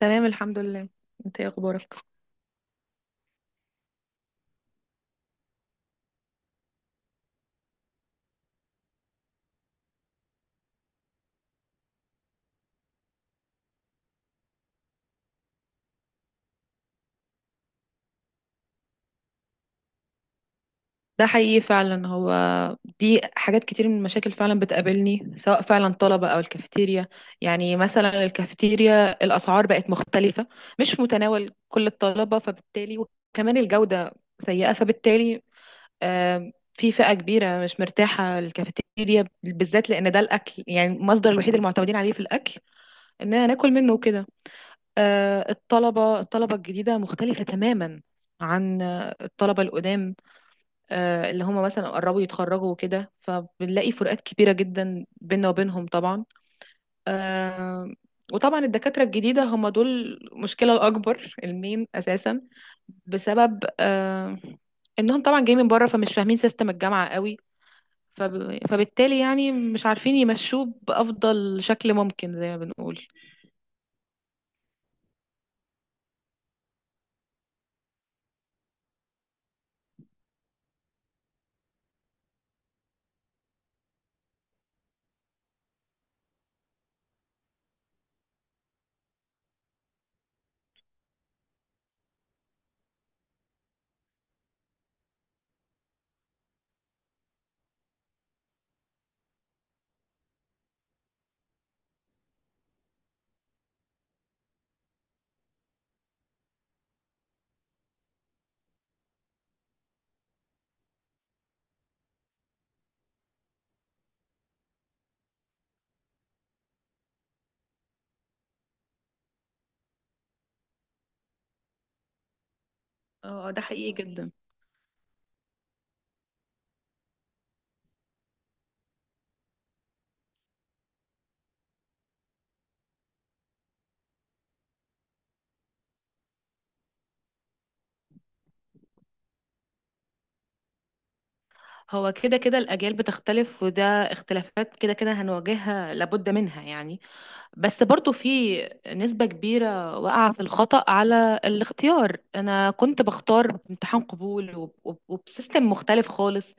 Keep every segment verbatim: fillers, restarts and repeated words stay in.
تمام الحمد لله. انت ايه اخبارك؟ ده حقيقي فعلا. هو دي حاجات كتير من المشاكل فعلا بتقابلني، سواء فعلا طلبة او الكافيتيريا. يعني مثلا الكافيتيريا الاسعار بقت مختلفة، مش متناول كل الطلبة، فبالتالي وكمان الجودة سيئة. فبالتالي آم، في فئة كبيرة مش مرتاحة الكافيتيريا بالذات، لان ده الاكل يعني المصدر الوحيد المعتمدين عليه في الاكل، اننا ناكل منه وكده. آه، الطلبة الطلبة الجديدة مختلفة تماما عن آه، الطلبة القدام، آه، اللي هم مثلا قربوا يتخرجوا وكده، فبنلاقي فروقات كبيرة جدا بيننا وبينهم طبعا. آه، وطبعا الدكاترة الجديدة هم دول المشكلة الأكبر المين أساسا، بسبب آه، إنهم طبعا جايين من بره فمش فاهمين سيستم الجامعة قوي. فب- فبالتالي يعني مش عارفين يمشوه بأفضل شكل ممكن زي ما بنقول. اه ده حقيقي جدا. هو كده كده الأجيال بتختلف، وده اختلافات كده كده هنواجهها لابد منها يعني. بس برضو في نسبة كبيرة واقعة في الخطأ على الاختيار. أنا كنت بختار امتحان قبول وب- وب- وبسيستم مختلف خالص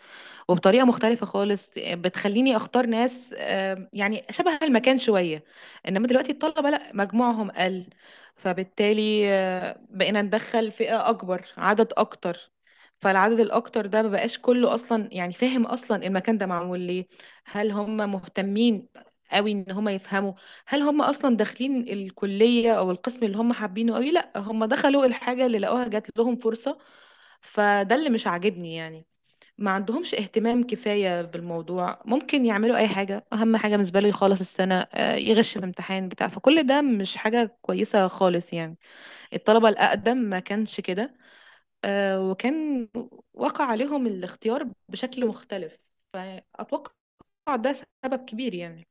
وبطريقه مختلفه خالص، بتخليني اختار ناس آم، يعني شبه المكان شويه. انما دلوقتي الطلبه لا، مجموعهم قل، فبالتالي آه، بقينا ندخل فئه اكبر عدد اكتر، فالعدد الاكتر ده مبقاش كله اصلا، يعني فاهم اصلا المكان ده معمول ليه؟ هل هم مهتمين قوي ان هم يفهموا؟ هل هم اصلا داخلين الكليه او القسم اللي هم حابينه قوي؟ لا، هم دخلوا الحاجه اللي لقوها، جات لهم فرصه. فده اللي مش عاجبني يعني. ما عندهمش اهتمام كفاية بالموضوع، ممكن يعملوا أي حاجة، أهم حاجة بالنسبة له يخلص السنة، آه، يغش في امتحان بتاع، فكل ده مش حاجة كويسة خالص يعني. الطلبة الأقدم ما كانش كده، آه، وكان وقع عليهم الاختيار بشكل مختلف. فأتوقع ده سبب كبير يعني.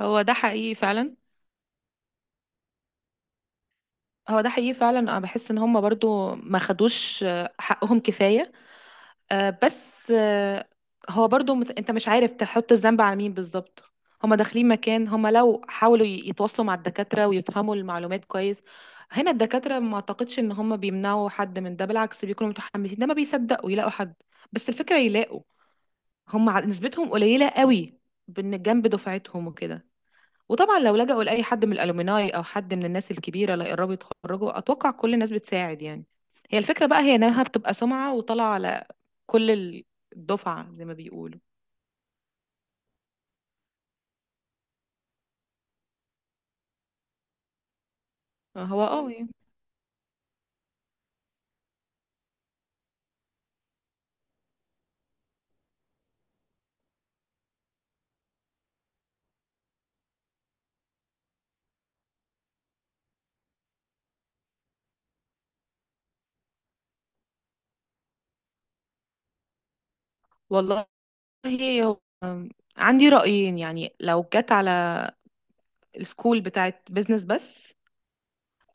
هو ده حقيقي فعلا. هو ده حقيقي فعلا، أنا بحس إن هم برضو ما خدوش آه، حقهم كفاية. آه، بس آه، هو برضو مت- انت مش عارف تحط الذنب على مين بالظبط. هما داخلين مكان، هما لو حاولوا ي- يتواصلوا مع الدكاترة ويفهموا المعلومات كويس، هنا الدكاترة ما اعتقدش ان هما بيمنعوا حد من ده، بالعكس بيكونوا متحمسين، ده ما بيصدقوا يلاقوا حد. بس الفكرة يلاقوا، هما ع- نسبتهم قليلة قوي بن- جنب دفعتهم وكده. وطبعا لو لجأوا لأي حد من الألومناي أو حد من الناس الكبيرة اللي قربوا يتخرجوا، أتوقع كل الناس بتساعد يعني. هي الفكرة بقى هي إنها بتبقى سمعة وطالعة على كل ال- الدفعة زي ما بيقولوا. هو اه يعني. والله، هو عندي رأيين. يعني لو جت على السكول بتاعت بيزنس بس،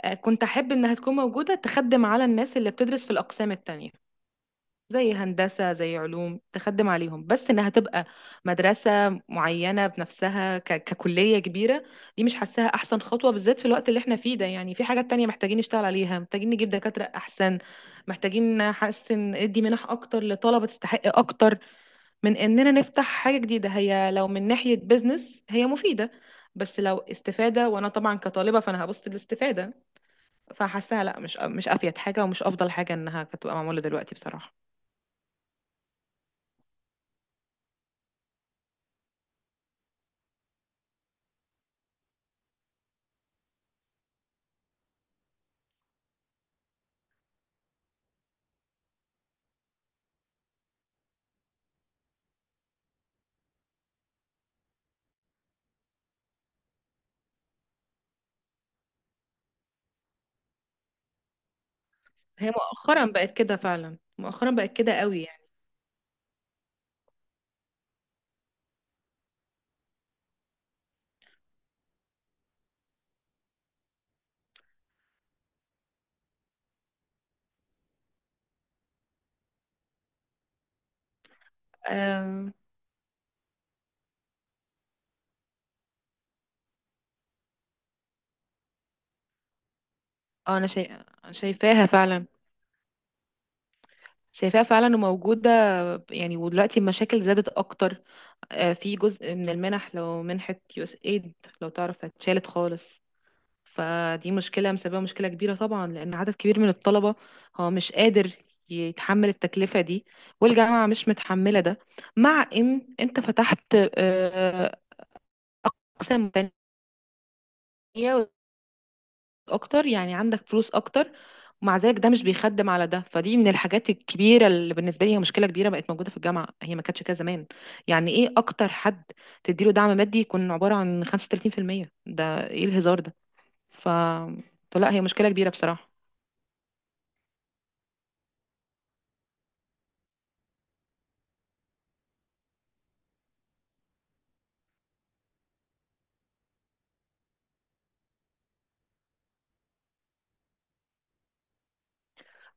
آه، كنت أحب إنها تكون موجودة تخدم على الناس اللي بتدرس في الأقسام التانية، زي هندسة زي علوم، تخدم عليهم، بس انها تبقى مدرسة معينة بنفسها ك... ككلية كبيرة، دي مش حاساها احسن خطوة بالذات في الوقت اللي احنا فيه ده. يعني في حاجات تانية محتاجين نشتغل عليها، محتاجين نجيب دكاترة احسن، محتاجين نحسن، ادي منح اكتر لطلبة تستحق اكتر، من اننا نفتح حاجة جديدة. هي لو من ناحية بيزنس هي مفيدة، بس لو استفادة، وانا طبعا كطالبة فانا هبص للاستفادة، فحاساها لا، مش مش افيد حاجة ومش افضل حاجة انها كانت تبقى معمولة دلوقتي بصراحة. هي مؤخرا بقت كده فعلا، مؤخرا بقت كده قوي يعني. آه آه، انا شايفة، شايفاها فعلا، شايفاها فعلا وموجودة. يعني ودلوقتي المشاكل زادت اكتر. آه، في جزء من المنح، لو منحة يو اس ايد لو تعرف اتشالت خالص، فدي مشكلة مسببة مشكلة كبيرة طبعا، لان عدد كبير من الطلبة هو مش قادر يتحمل التكلفة دي، والجامعة مش متحملة ده. مع ان انت فتحت آه، اقسام تانية اكتر، يعني عندك فلوس اكتر، ومع ذلك ده مش بيخدم على ده. فدي من الحاجات الكبيره اللي بالنسبه لي هي مشكله كبيره بقت موجوده في الجامعه، هي ما كانتش كده زمان. يعني ايه اكتر حد تديله دعم مادي يكون عباره عن خمسة وثلاثين في المية؟ ده ايه الهزار ده؟ ف فلا هي مشكله كبيره بصراحه.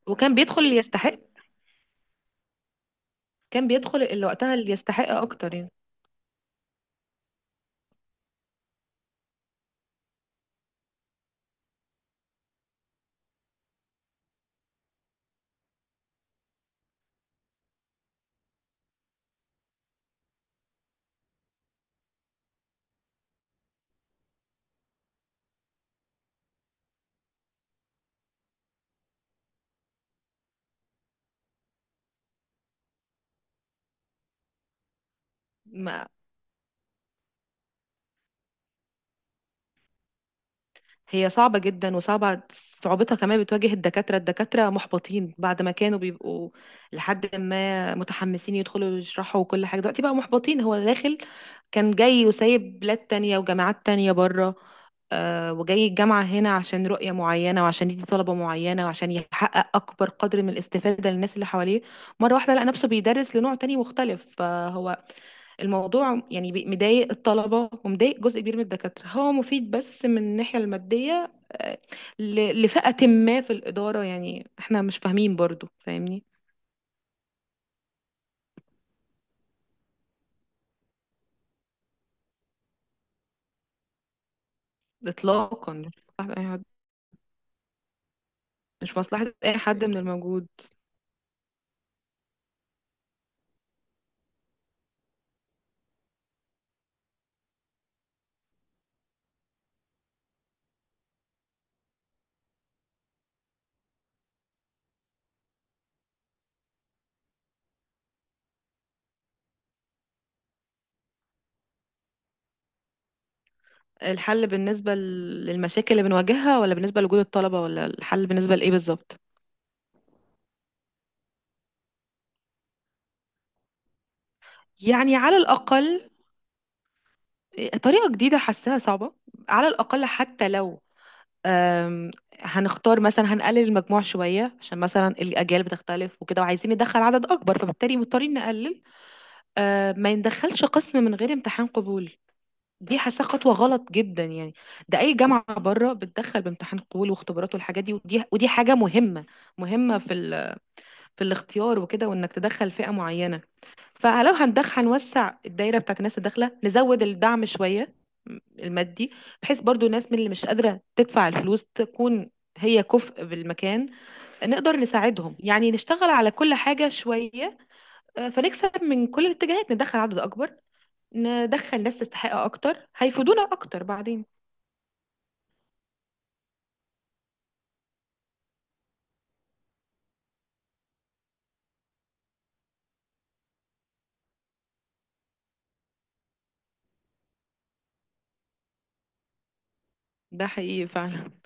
وكان بيدخل اللي يستحق، كان بيدخل اللي وقتها اللي يستحق اكتر يعني. ما هي صعبة جدا، وصعبة صعوبتها كمان بتواجه الدكاترة. الدكاترة محبطين بعد ما كانوا بيبقوا لحد ما متحمسين يدخلوا يشرحوا وكل حاجة، دلوقتي بقى محبطين. هو داخل كان جاي وسايب بلاد تانية وجامعات تانية بره، آه، وجاي الجامعة هنا عشان رؤية معينة وعشان يدي طلبة معينة وعشان يحقق أكبر قدر من الاستفادة للناس اللي حواليه. مرة واحدة لقى نفسه بيدرس لنوع تاني مختلف، فهو الموضوع يعني بي- مضايق الطلبة ومضايق جزء كبير من الدكاترة، هو مفيد بس من الناحية المادية آه، ل- لفئة ما في الإدارة. يعني احنا مش فاهمين برضو، فاهمني؟ إطلاقا، مش مصلحة أي حد، مش مصلحة أي حد من الموجود. الحل بالنسبة ل- للمشاكل اللي بنواجهها، ولا بالنسبة لوجود الطلبة، ولا الحل بالنسبة لإيه بالظبط؟ يعني على الأقل آه، طريقة جديدة حاساها صعبة، على الأقل حتى لو آم، هنختار مثلا، هنقلل المجموع شوية عشان مثلا الأجيال بتختلف وكده، وعايزين ندخل عدد أكبر فبالتالي مضطرين نقلل. آه، ما يندخلش قسم من غير امتحان قبول، دي حاسة خطوة غلط جدا يعني. ده أي جامعة بره بتدخل بامتحان قبول واختبارات والحاجات دي، ودي ودي حاجة مهمة، مهمة في ال... في الاختيار وكده، وإنك تدخل فئة معينة. فلو هندخ هنوسع الدايره بتاعت الناس الداخله، نزود الدعم شويه م- المادي، بحيث برضو الناس من اللي مش قادره تدفع الفلوس تكون هي كفء بالمكان، نقدر نساعدهم. يعني نشتغل على كل حاجه شويه، آه، فنكسب من كل الاتجاهات، ندخل عدد اكبر، ندخل ناس تستحق اكتر هيفيدونا اكتر بعدين. ده حقيقي فعلا.